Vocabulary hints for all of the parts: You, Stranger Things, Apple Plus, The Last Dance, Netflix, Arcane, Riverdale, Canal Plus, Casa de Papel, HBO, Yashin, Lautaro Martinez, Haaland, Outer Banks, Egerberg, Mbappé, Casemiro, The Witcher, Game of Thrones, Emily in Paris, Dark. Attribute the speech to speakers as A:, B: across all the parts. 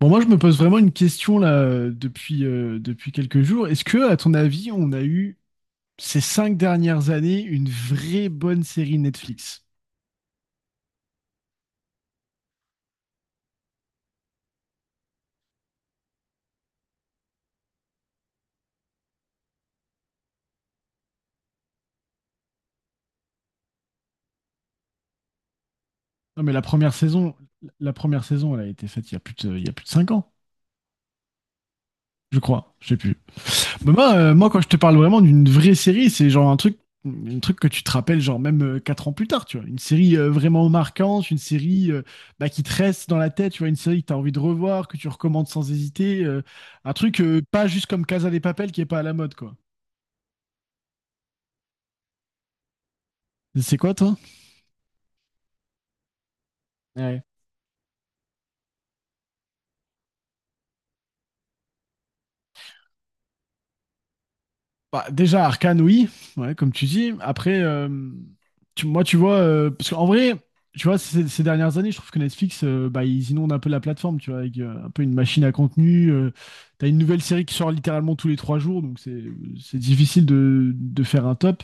A: Bon, moi, je me pose vraiment une question là depuis, depuis quelques jours. Est-ce que, à ton avis, on a eu ces cinq dernières années une vraie bonne série Netflix? Non, mais la première saison, elle a été faite il y a plus de, il y a plus de cinq ans, je crois. Je sais plus. Bah, moi, moi, quand je te parle vraiment d'une vraie série, c'est genre un truc que tu te rappelles genre même quatre ans plus tard, tu vois. Une série vraiment marquante, une série bah, qui te reste dans la tête, tu vois, une série que tu as envie de revoir, que tu recommandes sans hésiter, un truc pas juste comme Casa des Papel qui est pas à la mode, quoi. C'est quoi, toi? Ouais. Bah, déjà, Arcane, oui, ouais, comme tu dis. Après, moi, tu vois, parce qu'en vrai, tu vois, ces dernières années, je trouve que Netflix, bah, ils inondent un peu la plateforme, tu vois, avec un peu une machine à contenu. T'as une nouvelle série qui sort littéralement tous les trois jours, donc c'est difficile de faire un top.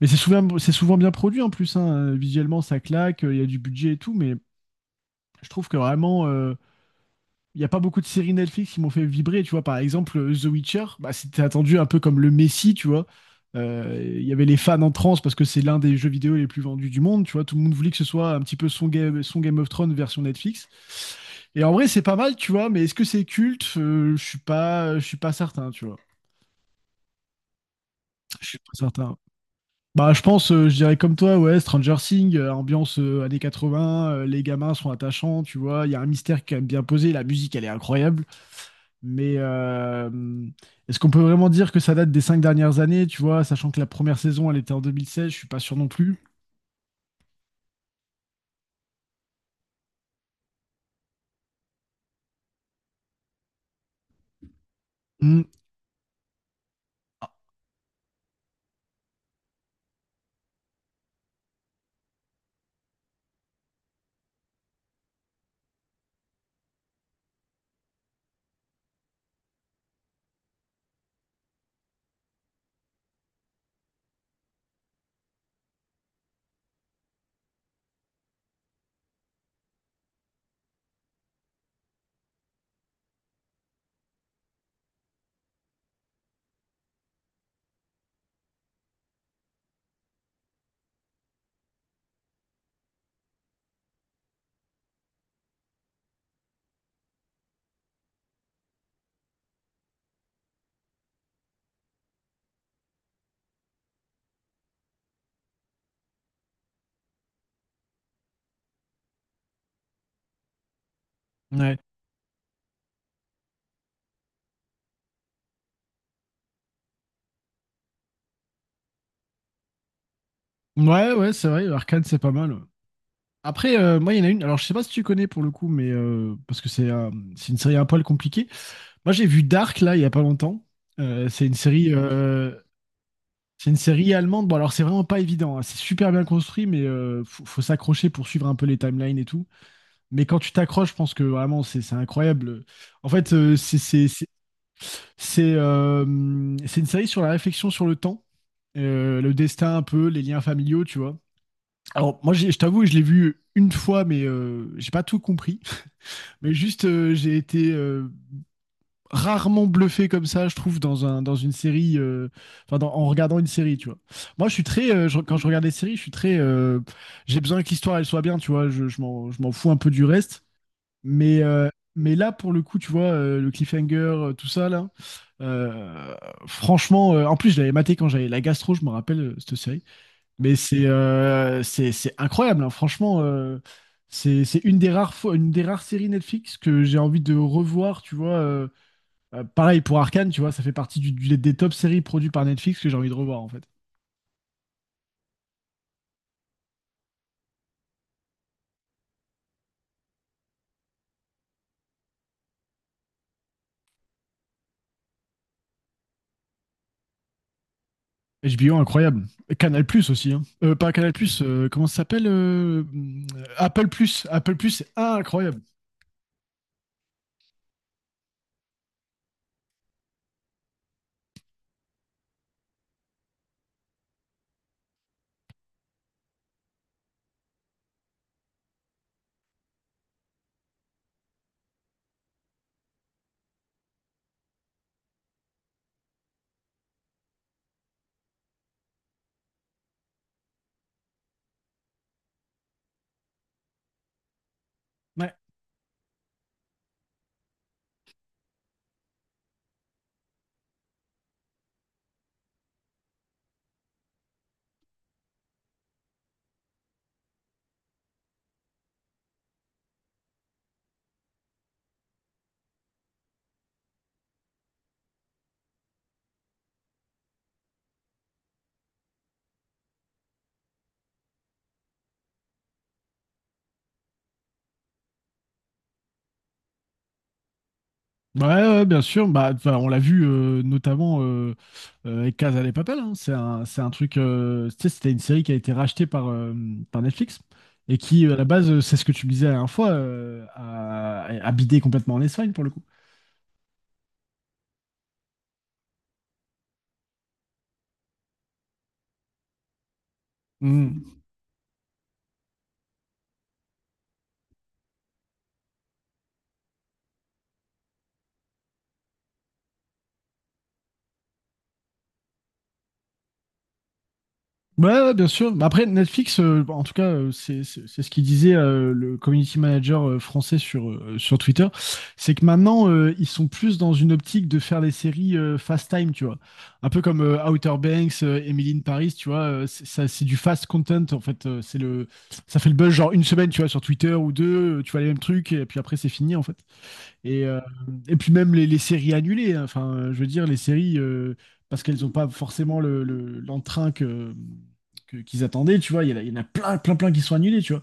A: Mais c'est souvent bien produit en plus, hein. Visuellement, ça claque, il y a du budget et tout, mais je trouve que vraiment. Il n'y a pas beaucoup de séries Netflix qui m'ont fait vibrer, tu vois. Par exemple, The Witcher, bah, c'était attendu un peu comme le Messi, tu vois. Il y avait les fans en transe parce que c'est l'un des jeux vidéo les plus vendus du monde, tu vois. Tout le monde voulait que ce soit un petit peu son Game of Thrones version Netflix. Et en vrai, c'est pas mal, tu vois, mais est-ce que c'est culte? Je suis pas, je suis pas certain, tu vois. Je suis pas certain. Bah, je pense, je dirais comme toi, ouais, Stranger Things, ambiance années 80, les gamins sont attachants, tu vois, il y a un mystère qui est quand même bien posé, la musique, elle est incroyable. Mais est-ce qu'on peut vraiment dire que ça date des cinq dernières années, tu vois, sachant que la première saison, elle était en 2016, je suis pas sûr non plus. Mm, ouais. Ouais, ouais, c'est vrai, Arcane, c'est pas mal, ouais. Après, moi, il y en a une, alors je sais pas si tu connais pour le coup, mais parce que c'est une série un poil compliquée. Moi, j'ai vu Dark, là, il y a pas longtemps. Euh, c'est une série, euh, c'est une série allemande. Bon, alors, c'est vraiment pas évident, hein. C'est super bien construit, mais faut, faut s'accrocher pour suivre un peu les timelines et tout. Mais quand tu t'accroches, je pense que vraiment, c'est incroyable. En fait, c'est, euh, c'est une série sur la réflexion sur le temps, le destin un peu, les liens familiaux, tu vois. Alors, moi, je t'avoue, je l'ai vu une fois, mais j'ai pas tout compris. Mais juste, j'ai été rarement bluffé comme ça, je trouve, dans un, dans une série, en regardant une série, tu vois. Moi, je suis très, quand je regarde des séries, je suis très, j'ai besoin que l'histoire, elle soit bien, tu vois. Je, je m'en fous un peu du reste. Mais, euh, mais là, pour le coup, tu vois, le cliffhanger, tout ça, là, euh, franchement, en plus, je l'avais maté quand j'avais la gastro, je me rappelle, cette série. Mais c'est incroyable, hein, franchement. C'est une des rares fois, une des rares séries Netflix que j'ai envie de revoir, tu vois. Pareil pour Arcane, tu vois, ça fait partie des top séries produites par Netflix que j'ai envie de revoir, en fait. HBO, incroyable. Et Canal Plus aussi, hein. Pas Canal Plus, comment ça s'appelle Apple Plus. Apple Plus, c'est incroyable. Ouais. Ouais, ouais, ouais, bien sûr. Bah, enfin, on l'a vu notamment avec Casa de Papel, hein. C'est un, c'est un truc. Tu sais, c'était une série qui a été rachetée par, par Netflix et qui, à la base, c'est ce que tu me disais la dernière fois, a bidé complètement en Espagne pour le coup. Mm. Ouais, ouais, bien sûr. Mais après, Netflix, bon, en tout cas, c'est ce qu'il disait le community manager français sur, sur Twitter, c'est que maintenant, ils sont plus dans une optique de faire des séries fast time, tu vois. Un peu comme Outer Banks, Emily in Paris, tu vois. C'est ça, c'est du fast content, en fait. Ça fait le buzz, genre une semaine, tu vois, sur Twitter ou deux, tu vois les mêmes trucs, et puis après, c'est fini, en fait. Et, euh, et puis même les séries annulées, hein. Enfin, je veux dire, les séries, parce qu'elles n'ont pas forcément l'entrain que, qu'ils attendaient, tu vois, il y en a plein, plein, plein qui sont annulés, tu vois.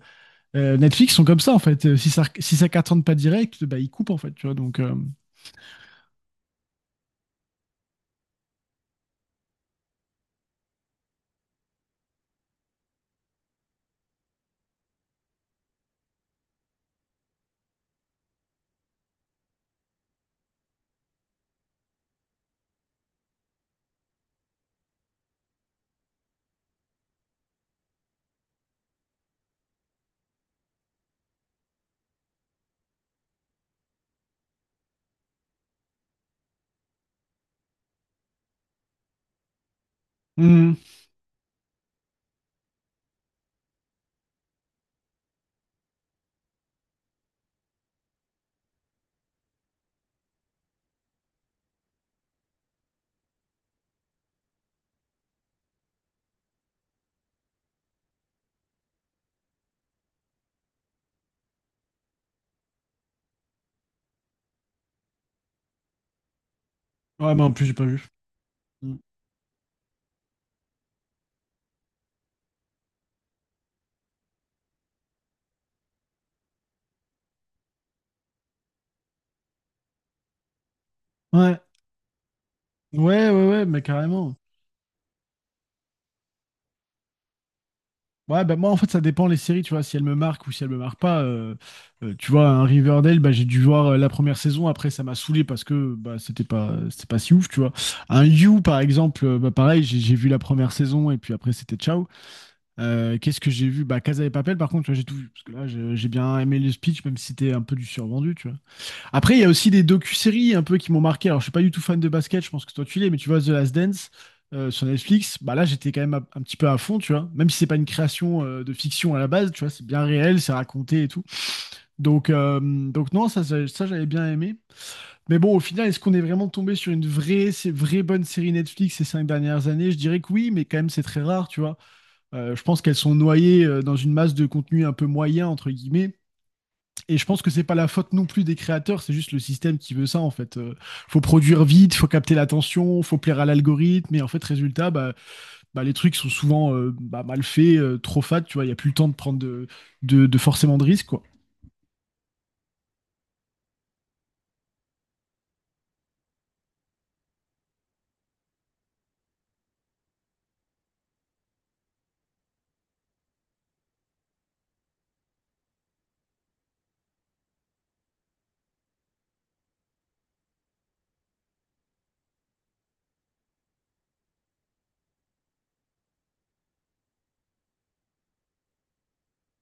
A: Netflix sont comme ça, en fait. Si ça, si ça cartonne pas direct, bah, ils coupent, en fait, tu vois, donc... Mhm. Ouais, bah, en plus, j'ai pas vu. Mm. Ouais, ouais, ouais, ouais, mais carrément. Ouais, bah moi en fait ça dépend les séries, tu vois, si elles me marquent ou si elles me marquent pas. Tu vois, un Riverdale, bah, j'ai dû voir la première saison, après ça m'a saoulé parce que bah, c'était pas si ouf, tu vois. Un You par exemple, bah, pareil, j'ai vu la première saison et puis après c'était ciao. Qu'est-ce que j'ai vu? Bah Casa de Papel par contre, tu vois, j'ai tout vu, parce que là j'ai bien aimé le speech, même si c'était un peu du survendu, tu vois. Après, il y a aussi des docu-séries un peu qui m'ont marqué. Alors, je suis pas du tout fan de basket, je pense que toi tu l'es, mais tu vois The Last Dance sur Netflix, bah là j'étais quand même un petit peu à fond, tu vois. Même si c'est pas une création de fiction à la base, tu vois, c'est bien réel, c'est raconté et tout. Donc non, ça, j'avais bien aimé. Mais bon, au final, est-ce qu'on est vraiment tombé sur une vraie, c'est vraie bonne série Netflix ces cinq dernières années? Je dirais que oui, mais quand même c'est très rare, tu vois. Je pense qu'elles sont noyées dans une masse de contenu un peu moyen entre guillemets. Et je pense que c'est pas la faute non plus des créateurs, c'est juste le système qui veut ça en fait. Faut produire vite, faut capter l'attention, faut plaire à l'algorithme, et en fait résultat, bah, bah, les trucs sont souvent bah, mal faits, trop fat, tu vois, il y a plus le temps de prendre de, de forcément de risques quoi.